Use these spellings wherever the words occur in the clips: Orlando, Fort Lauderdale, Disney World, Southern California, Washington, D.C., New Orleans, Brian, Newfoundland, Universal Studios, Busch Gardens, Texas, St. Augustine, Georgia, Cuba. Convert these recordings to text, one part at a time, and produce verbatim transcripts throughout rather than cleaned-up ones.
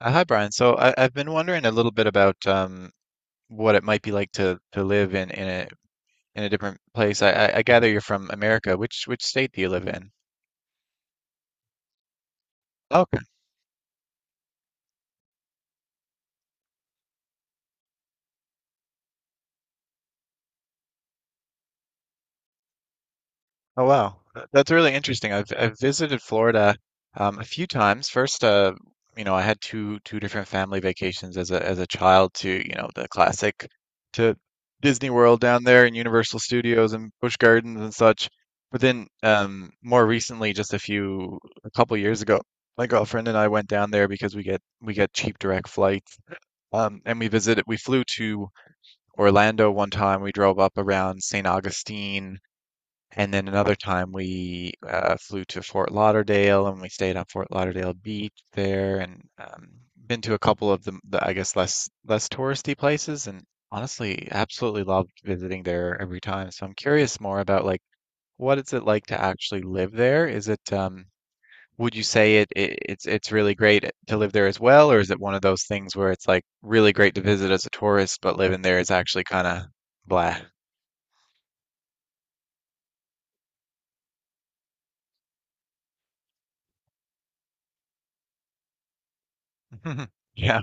Uh, hi, Brian. So I, I've been wondering a little bit about um, what it might be like to, to live in, in a in a different place. I, I I gather you're from America. Which which state do you live in? Oh, wow, Th- that's really interesting. I've I've visited Florida um, a few times. First, uh, you know, I had two two different family vacations as a as a child to, you know, the classic to Disney World down there, and Universal Studios and Busch Gardens and such. But then um, more recently, just a few a couple years ago, my girlfriend and I went down there because we get we get cheap direct flights. Um, and we visited. We flew to Orlando one time. We drove up around Saint Augustine, and then another time we uh, flew to Fort Lauderdale and we stayed on Fort Lauderdale Beach there, and um, been to a couple of the, the I guess less less touristy places, and honestly absolutely loved visiting there every time. So I'm curious more about, like, what is it like to actually live there? Is it um, Would you say it, it it's it's really great to live there as well, or is it one of those things where it's like really great to visit as a tourist, but living there is actually kind of blah? Yeah.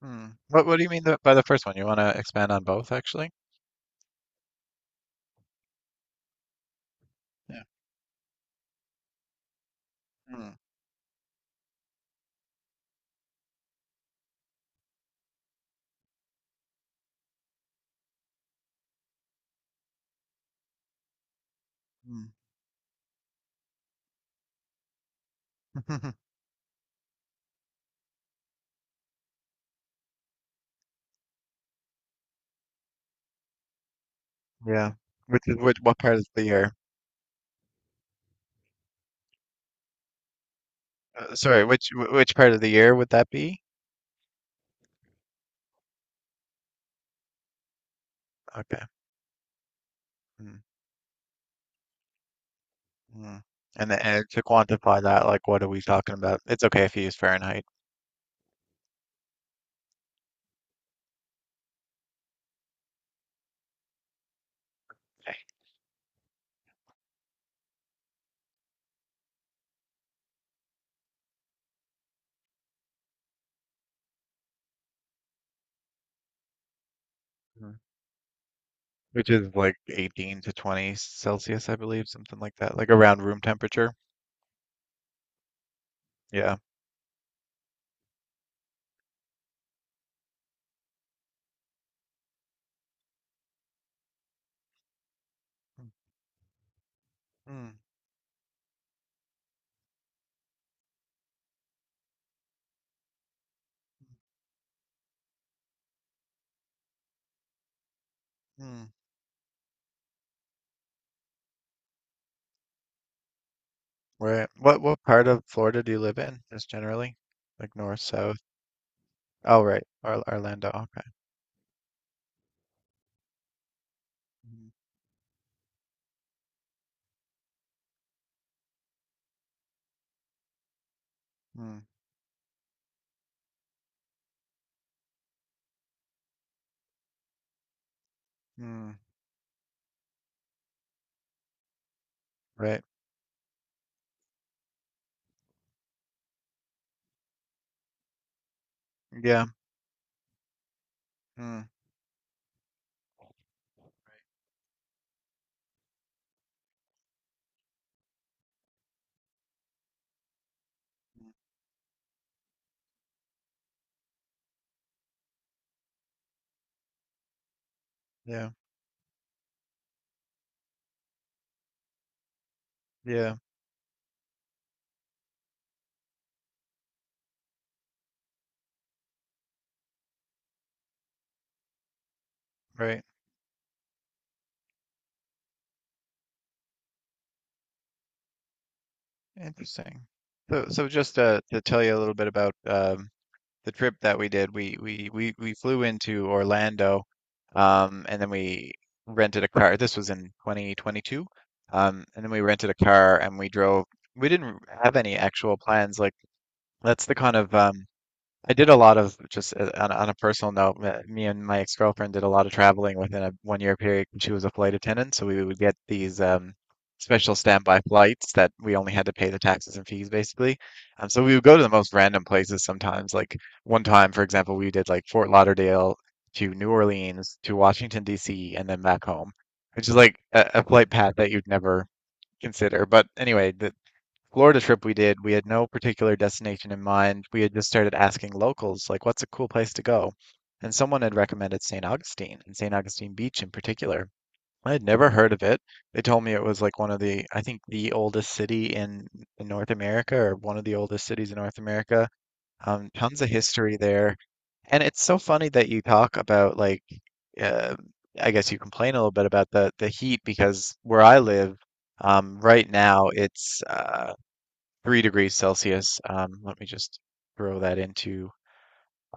Hmm. What What do you mean th- by the first one? You want to expand on both, actually? Yeah. Hmm. Hmm. Yeah. Which is which? What part of the year? Uh, sorry, which wh- which part of the year would that be? Okay. Hmm. Hmm. And the, and to quantify that, like, what are we talking about? It's okay if you use Fahrenheit. Hmm. Which is like eighteen to twenty Celsius, I believe, something like that, like around room temperature. Yeah. Hmm. Hmm. Hmm. Right. What what part of Florida do you live in, just generally? Like north, south? Oh, right. Or Orlando. Okay. Mhm. Mm, mm, right. Yeah. Mm, mm, yeah. Yeah. Right. Interesting. So, so just, uh, to tell you a little bit about um, the trip that we did, we we we we flew into Orlando, um, and then we rented a car. This was in two thousand twenty-two, um, and then we rented a car and we drove. We didn't have any actual plans. Like, that's the kind of. Um, I did a lot of just, uh, on, a- on a personal note. me me and my ex-girlfriend did a lot of traveling within a one-year period. She was a flight attendant, so we would get these um, special standby flights that we only had to pay the taxes and fees, basically. Um, so we would go to the most random places sometimes. Like one time, for example, we did like Fort Lauderdale to New Orleans to Washington, D C, and then back home, which is like a, a flight path that you'd never consider. But anyway, th Florida trip we did, we had no particular destination in mind. We had just started asking locals, like, what's a cool place to go? And someone had recommended Saint Augustine, and Saint Augustine Beach in particular. I had never heard of it. They told me it was like one of the, I think, the oldest city in, in North America, or one of the oldest cities in North America. Um, tons of history there. And it's so funny that you talk about, like, uh, I guess you complain a little bit about the the heat, because where I live, um, right now it's, uh, three degrees Celsius. Um, let me just throw that into,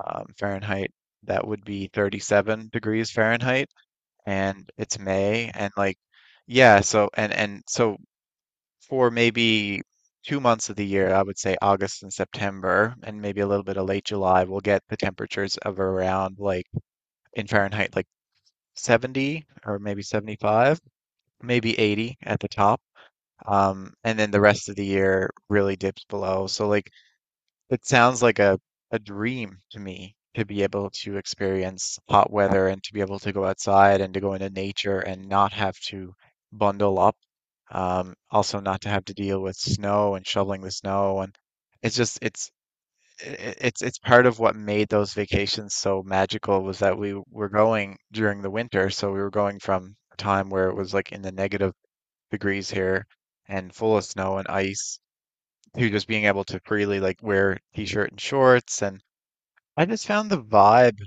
um, Fahrenheit. That would be thirty-seven degrees Fahrenheit, and it's May, and, like, yeah. So and and so, for maybe two months of the year, I would say August and September, and maybe a little bit of late July, we'll get the temperatures of around, like, in Fahrenheit, like seventy or maybe seventy-five, maybe eighty at the top. Um, and then the rest of the year really dips below. So, like, it sounds like a, a dream to me to be able to experience hot weather and to be able to go outside and to go into nature and not have to bundle up. Um, also, not to have to deal with snow and shoveling the snow, and it's just, it's I- I- it's it's part of what made those vacations so magical. Was that we were going during the winter, so we were going from a time where it was, like, in the negative degrees here, and full of snow and ice, who just being able to freely, like, wear t-shirt and shorts, and I just found the vibe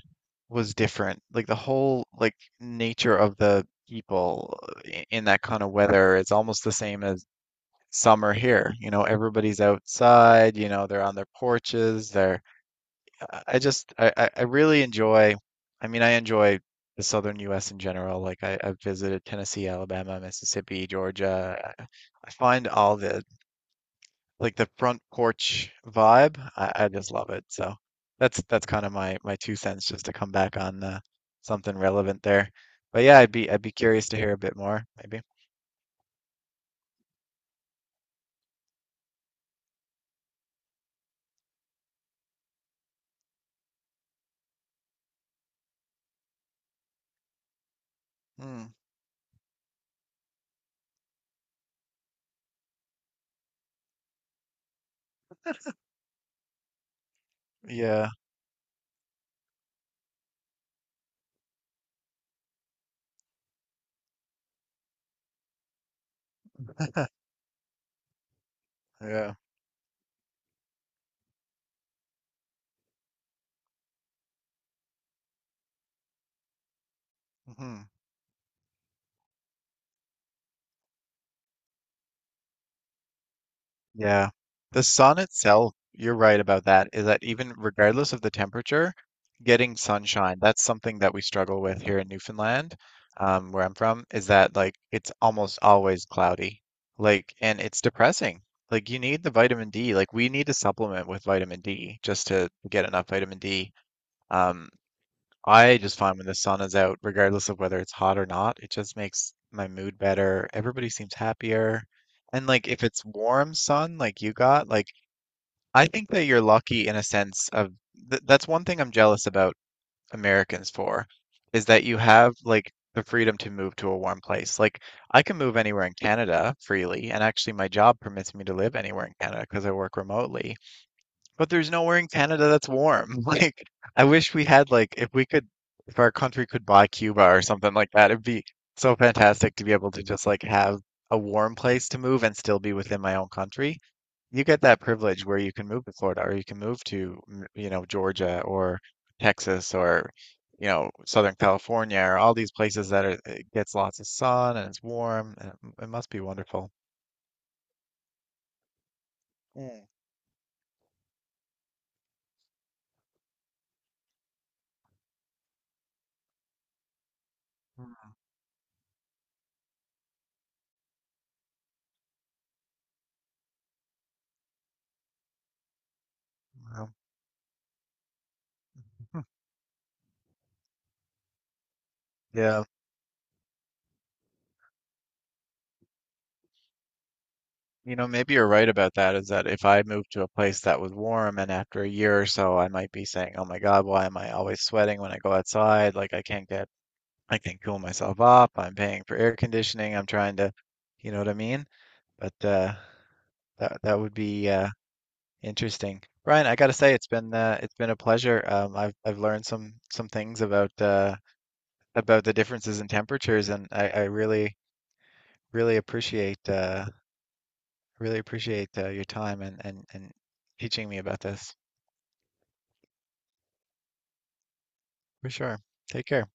was different. Like, the whole, like, nature of the people, uh, i- in that kind of weather, is almost the same as summer here. You know, everybody's outside, you know, they're on their porches, they're. I I just I, I I really enjoy, I mean, I enjoy the southern U S in general. Like, I, I've visited Tennessee, Alabama, Mississippi, Georgia. I I find all the, like, the front porch vibe. I, I just love it. So that's that's kind of my my two cents, just to come back on, uh, something relevant there. But yeah, I'd be I'd be curious to hear a bit more, maybe. Hmm. Yeah, yeah. Hmm. Yeah. The sun itself, you're right about that, is that even regardless of the temperature, getting sunshine, that's something that we struggle with here in Newfoundland, um, where I'm from, is that, like, it's almost always cloudy. Like, and it's depressing. Like, you need the vitamin D. Like, we need to supplement with vitamin D just to get enough vitamin D. Um, I just find, when the sun is out, regardless of whether it's hot or not, it just makes my mood better. Everybody seems happier. And, like, if it's warm sun like you got, like, I think that you're lucky, in a sense of th that's one thing I'm jealous about Americans for, is that you have, like, the freedom to move to a warm place. Like, I can move anywhere in Canada freely, and actually my job permits me to live anywhere in Canada because I work remotely. But there's nowhere in Canada that's warm. Like, I wish we had, like, if we could if our country could buy Cuba or something like that, it'd be so fantastic to be able to just, like, have a warm place to move and still be within my own country. You get that privilege where you can move to Florida, or you can move to, mm, you know, Georgia, or Texas, or, you know, Southern California, or all these places that are, it gets lots of sun and it's warm. And it, it must be wonderful. Mm. Mm, well. Yeah. You know, maybe you're right about that, is that if I moved to a place that was warm, and after a year or so, I might be saying, oh my God, why am I always sweating when I go outside? Like, I can't get, I can't cool myself up. I'm paying for air conditioning. I'm trying to, you know what I mean? But, uh, that that would be, uh, interesting. Brian, I gotta say, it's been uh, it's been a pleasure. Um, I've I've learned some some things about, uh, about the differences in temperatures, and I, I really really appreciate, uh, I really appreciate uh, your time, and, and, and teaching me about this. For sure. Take care.